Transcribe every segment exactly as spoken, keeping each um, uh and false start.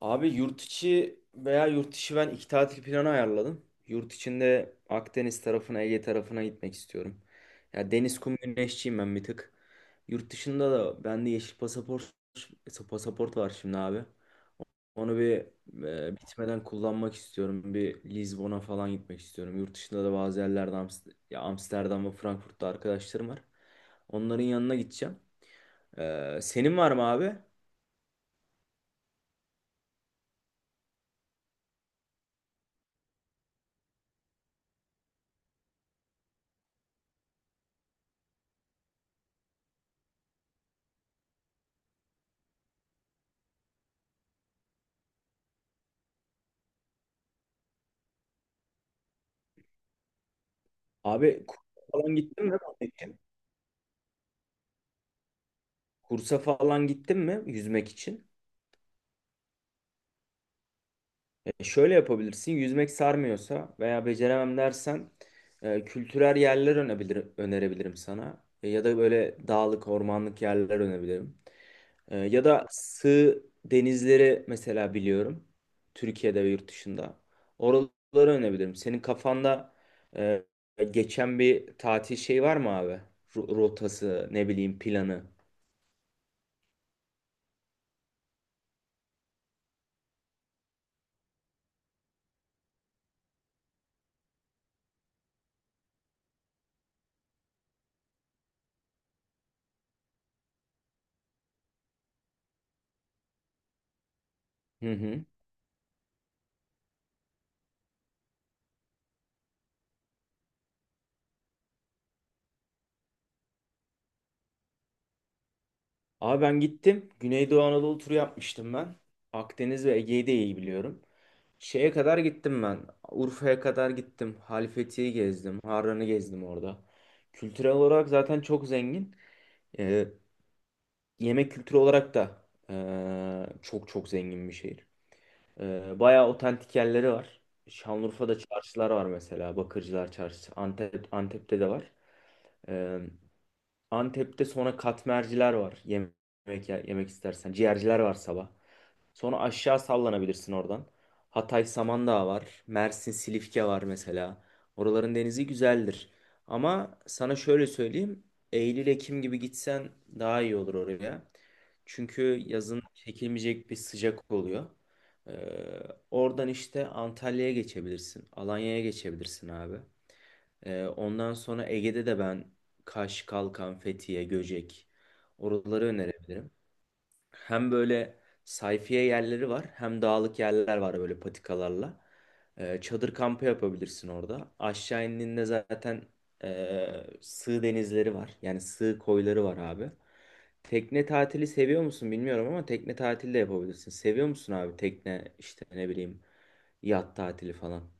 Abi yurt içi veya yurt dışı ben iki tatil planı ayarladım. Yurt içinde Akdeniz tarafına, Ege tarafına gitmek istiyorum. Ya deniz kum güneşçiyim ben bir tık. Yurt dışında da bende yeşil pasaport pasaport var şimdi abi. Onu bir e, bitmeden kullanmak istiyorum. Bir Lizbon'a falan gitmek istiyorum. Yurt dışında da bazı yerlerde Amst- ya Amsterdam ve Frankfurt'ta arkadaşlarım var. Onların yanına gideceğim. Ee, senin var mı abi? Abi Kuş'a falan gittin mi? Kursa falan gittin mi yüzmek için? E, şöyle yapabilirsin. Yüzmek sarmıyorsa veya beceremem dersen e, kültürel yerler önebilir, önerebilirim sana. E, ya da böyle dağlık, ormanlık yerler önebilirim. E, ya da sığ denizleri mesela biliyorum. Türkiye'de ve yurt dışında. Oraları önebilirim. Senin kafanda e, geçen bir tatil şey var mı abi? Ru- Rotası, ne bileyim planı. Hı hı. Abi ben gittim. Güneydoğu Anadolu turu yapmıştım ben. Akdeniz ve Ege'yi de iyi biliyorum. Şeye kadar gittim ben. Urfa'ya kadar gittim. Halifeti'yi gezdim. Harran'ı gezdim orada. Kültürel olarak zaten çok zengin. Ee, Yemek kültürü olarak da ee, çok çok zengin bir şehir. Ee, bayağı otantik yerleri var. Şanlıurfa'da çarşılar var mesela. Bakırcılar Çarşısı. Antep, Antep'te de var. Ee, Antep'te sonra katmerciler var. Yemek yer- yemek istersen. Ciğerciler var sabah. Sonra aşağı sallanabilirsin oradan. Hatay Samandağ var. Mersin Silifke var mesela. Oraların denizi güzeldir. Ama sana şöyle söyleyeyim. Eylül-Ekim gibi gitsen daha iyi olur oraya. Çünkü yazın çekilmeyecek bir sıcak oluyor. Ee, Oradan işte Antalya'ya geçebilirsin. Alanya'ya geçebilirsin abi. Ee, ondan sonra Ege'de de ben Kaş, Kalkan, Fethiye, Göcek oraları önerebilirim. Hem böyle sayfiye yerleri var hem dağlık yerler var böyle patikalarla. Ee, çadır kampı yapabilirsin orada. Aşağı indiğinde zaten ee, sığ denizleri var. Yani sığ koyları var abi. Tekne tatili seviyor musun bilmiyorum ama tekne tatili de yapabilirsin. Seviyor musun abi tekne işte ne bileyim yat tatili falan?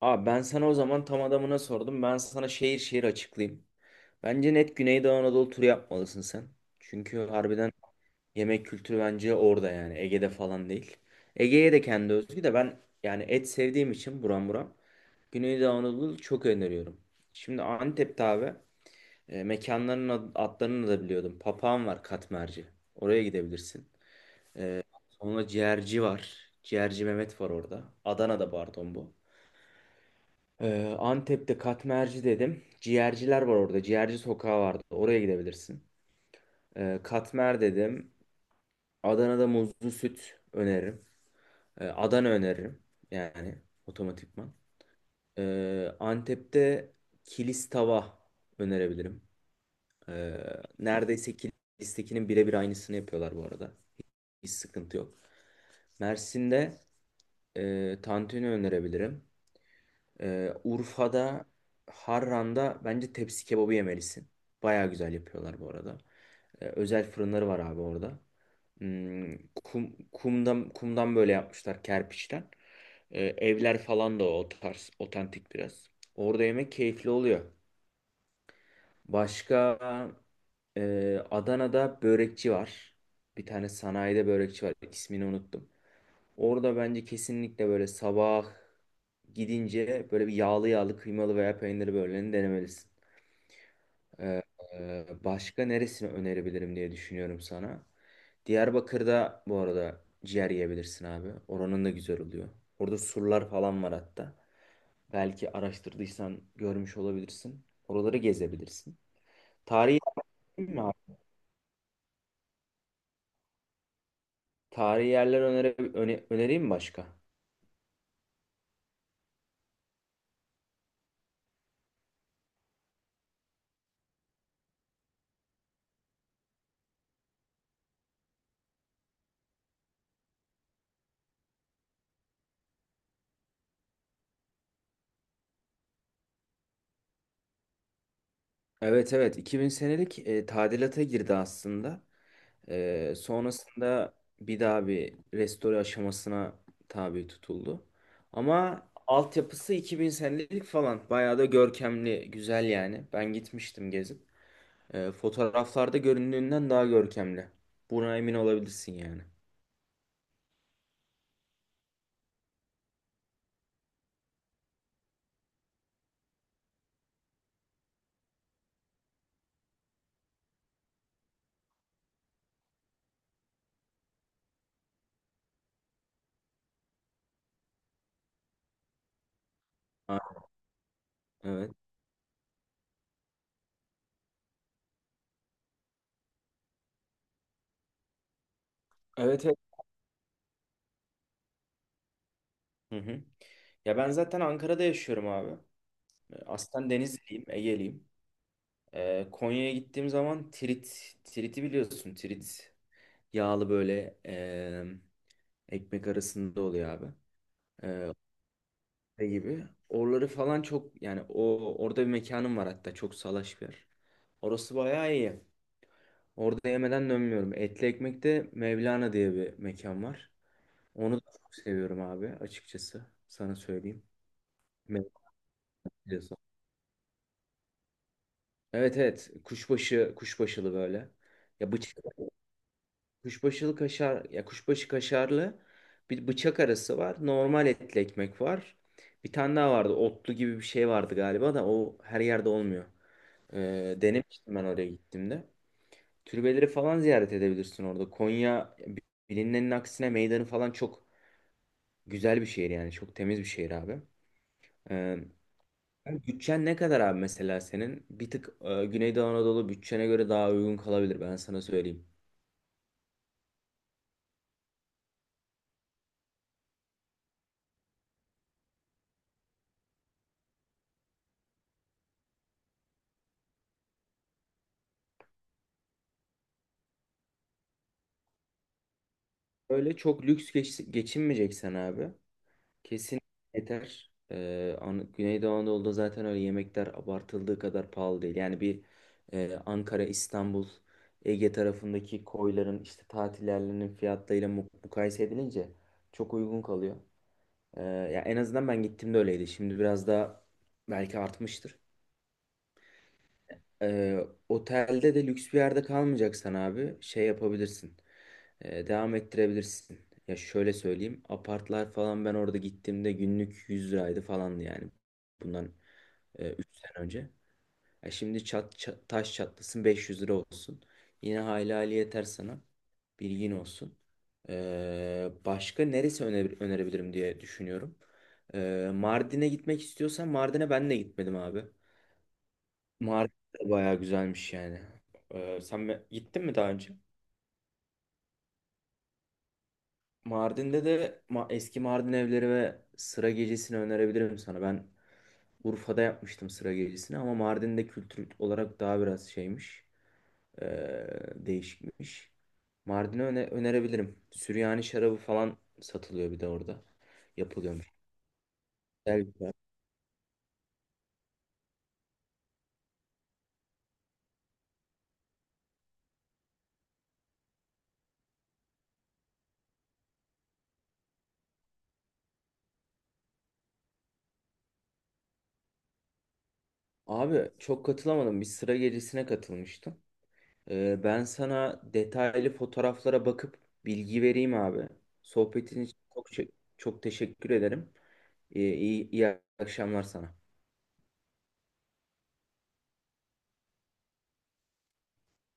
Abi ben sana o zaman tam adamına sordum. Ben sana şehir şehir açıklayayım. Bence net Güneydoğu Anadolu turu yapmalısın sen. Çünkü harbiden yemek kültürü bence orada, yani Ege'de falan değil. Ege'ye de kendi özgü de ben yani et sevdiğim için buram buram Güneydoğu Anadolu çok öneriyorum. Şimdi Antep'te abi e, mekanların ad- adlarını da biliyordum. Papağan var katmerci. Oraya gidebilirsin. E, Sonra ciğerci var. Ciğerci Mehmet var orada. Adana'da pardon bu. Ee, Antep'te Katmerci dedim. Ciğerciler var orada. Ciğerci sokağı vardı. Oraya gidebilirsin. Ee, Katmer dedim. Adana'da muzlu süt öneririm. Ee, Adana öneririm. Yani otomatikman. Ee, Antep'te kilis tava önerebilirim. Ee, Neredeyse kilistekinin birebir aynısını yapıyorlar bu arada. Hiç sıkıntı yok. Mersin'de e, tantuni önerebilirim. Ee, Urfa'da, Harran'da bence tepsi kebabı yemelisin. Baya güzel yapıyorlar bu arada. Ee, özel fırınları var abi orada. Hmm, kum, kumdan, kumdan böyle yapmışlar kerpiçten. Ee, evler falan da o tarz, otantik biraz. Orada yemek keyifli oluyor. Başka e, Adana'da börekçi var. Bir tane sanayide börekçi var. İsmini unuttum. Orada bence kesinlikle böyle sabah gidince böyle bir yağlı yağlı kıymalı veya peynirli böğürlenini denemelisin. Ee, e, Başka neresini önerebilirim diye düşünüyorum sana. Diyarbakır'da bu arada ciğer yiyebilirsin abi. Oranın da güzel oluyor. Orada surlar falan var hatta. Belki araştırdıysan görmüş olabilirsin. Oraları gezebilirsin. Tarihi yer mi abi? Tarihi yerler önere, öne- önereyim mi başka? Evet, evet, iki bin senelik e, tadilata girdi aslında. Ee, sonrasında bir daha bir restore aşamasına tabi tutuldu. Ama altyapısı iki bin senelik falan. Bayağı da görkemli, güzel yani. Ben gitmiştim gezip. Ee, fotoğraflarda göründüğünden daha görkemli. Buna emin olabilirsin yani. Ha, evet. Evet, evet. Hı hı. Ya ben zaten Ankara'da yaşıyorum abi. Aslen Denizliyim, Ege'liyim. Ee, Konya'ya gittiğim zaman Tirit, Tirit'i biliyorsun, Tirit. Yağlı böyle em, ekmek arasında oluyor abi. E, Şey gibi. Oraları falan çok, yani o orada bir mekanım var hatta, çok salaş bir yer. Orası bayağı iyi. Orada yemeden dönmüyorum. Etli Ekmek'te Mevlana diye bir mekan var. Onu da çok seviyorum abi, açıkçası. Sana söyleyeyim. Mevlana diyorsun. Evet, evet. Kuşbaşı, kuşbaşılı böyle. Ya bıçak kuşbaşılı kaşar, ya kuşbaşı kaşarlı bir bıçak arası var. Normal etli ekmek var. Bir tane daha vardı. Otlu gibi bir şey vardı galiba da o her yerde olmuyor. Ee, denemiştim ben oraya gittiğimde. Türbeleri falan ziyaret edebilirsin orada. Konya bilinenin aksine meydanı falan çok güzel bir şehir yani. Çok temiz bir şehir abi. Ee, Yani bütçen ne kadar abi, mesela senin? Bir tık e, Güneydoğu Anadolu bütçene göre daha uygun kalabilir, ben sana söyleyeyim. Öyle çok lüks geç, geçinmeyeceksen abi. Kesin yeter. Ee, An- Güneydoğu Anadolu'da zaten öyle yemekler abartıldığı kadar pahalı değil. Yani bir e, Ankara, İstanbul, Ege tarafındaki koyların işte tatillerinin fiyatlarıyla mu- mukayese edilince çok uygun kalıyor. Ee, ya en azından ben gittiğimde öyleydi. Şimdi biraz daha belki artmıştır. Ee, Otelde de lüks bir yerde kalmayacaksan abi şey yapabilirsin. Ee, devam ettirebilirsin. Ya şöyle söyleyeyim. Apartlar falan ben orada gittiğimde günlük yüz liraydı falandı yani. Bundan üç sene önce. E şimdi çat, ça- taş çatlasın beş yüz lira olsun. Yine hayli hayli yeter sana. Bilgin olsun. Ee, başka neresi öne- önerebilirim diye düşünüyorum. Ee, Mardin'e gitmek istiyorsan Mardin'e ben de gitmedim abi. Mardin de bayağı güzelmiş yani. Ee, sen mi- gittin mi daha önce? Mardin'de de ma- eski Mardin evleri ve sıra gecesini önerebilirim sana. Ben Urfa'da yapmıştım sıra gecesini, ama Mardin'de kültür olarak daha biraz şeymiş. ee, Değişikmiş. Mardin'i öne- önerebilirim. Süryani şarabı falan satılıyor bir de orada. Yapılıyormuş. Güzel bir yer. Abi çok katılamadım. Bir sıra gecesine katılmıştım. Ee, ben sana detaylı fotoğraflara bakıp bilgi vereyim abi. Sohbetin için çok, çok teşekkür ederim. Ee, iyi, iyi akşamlar sana.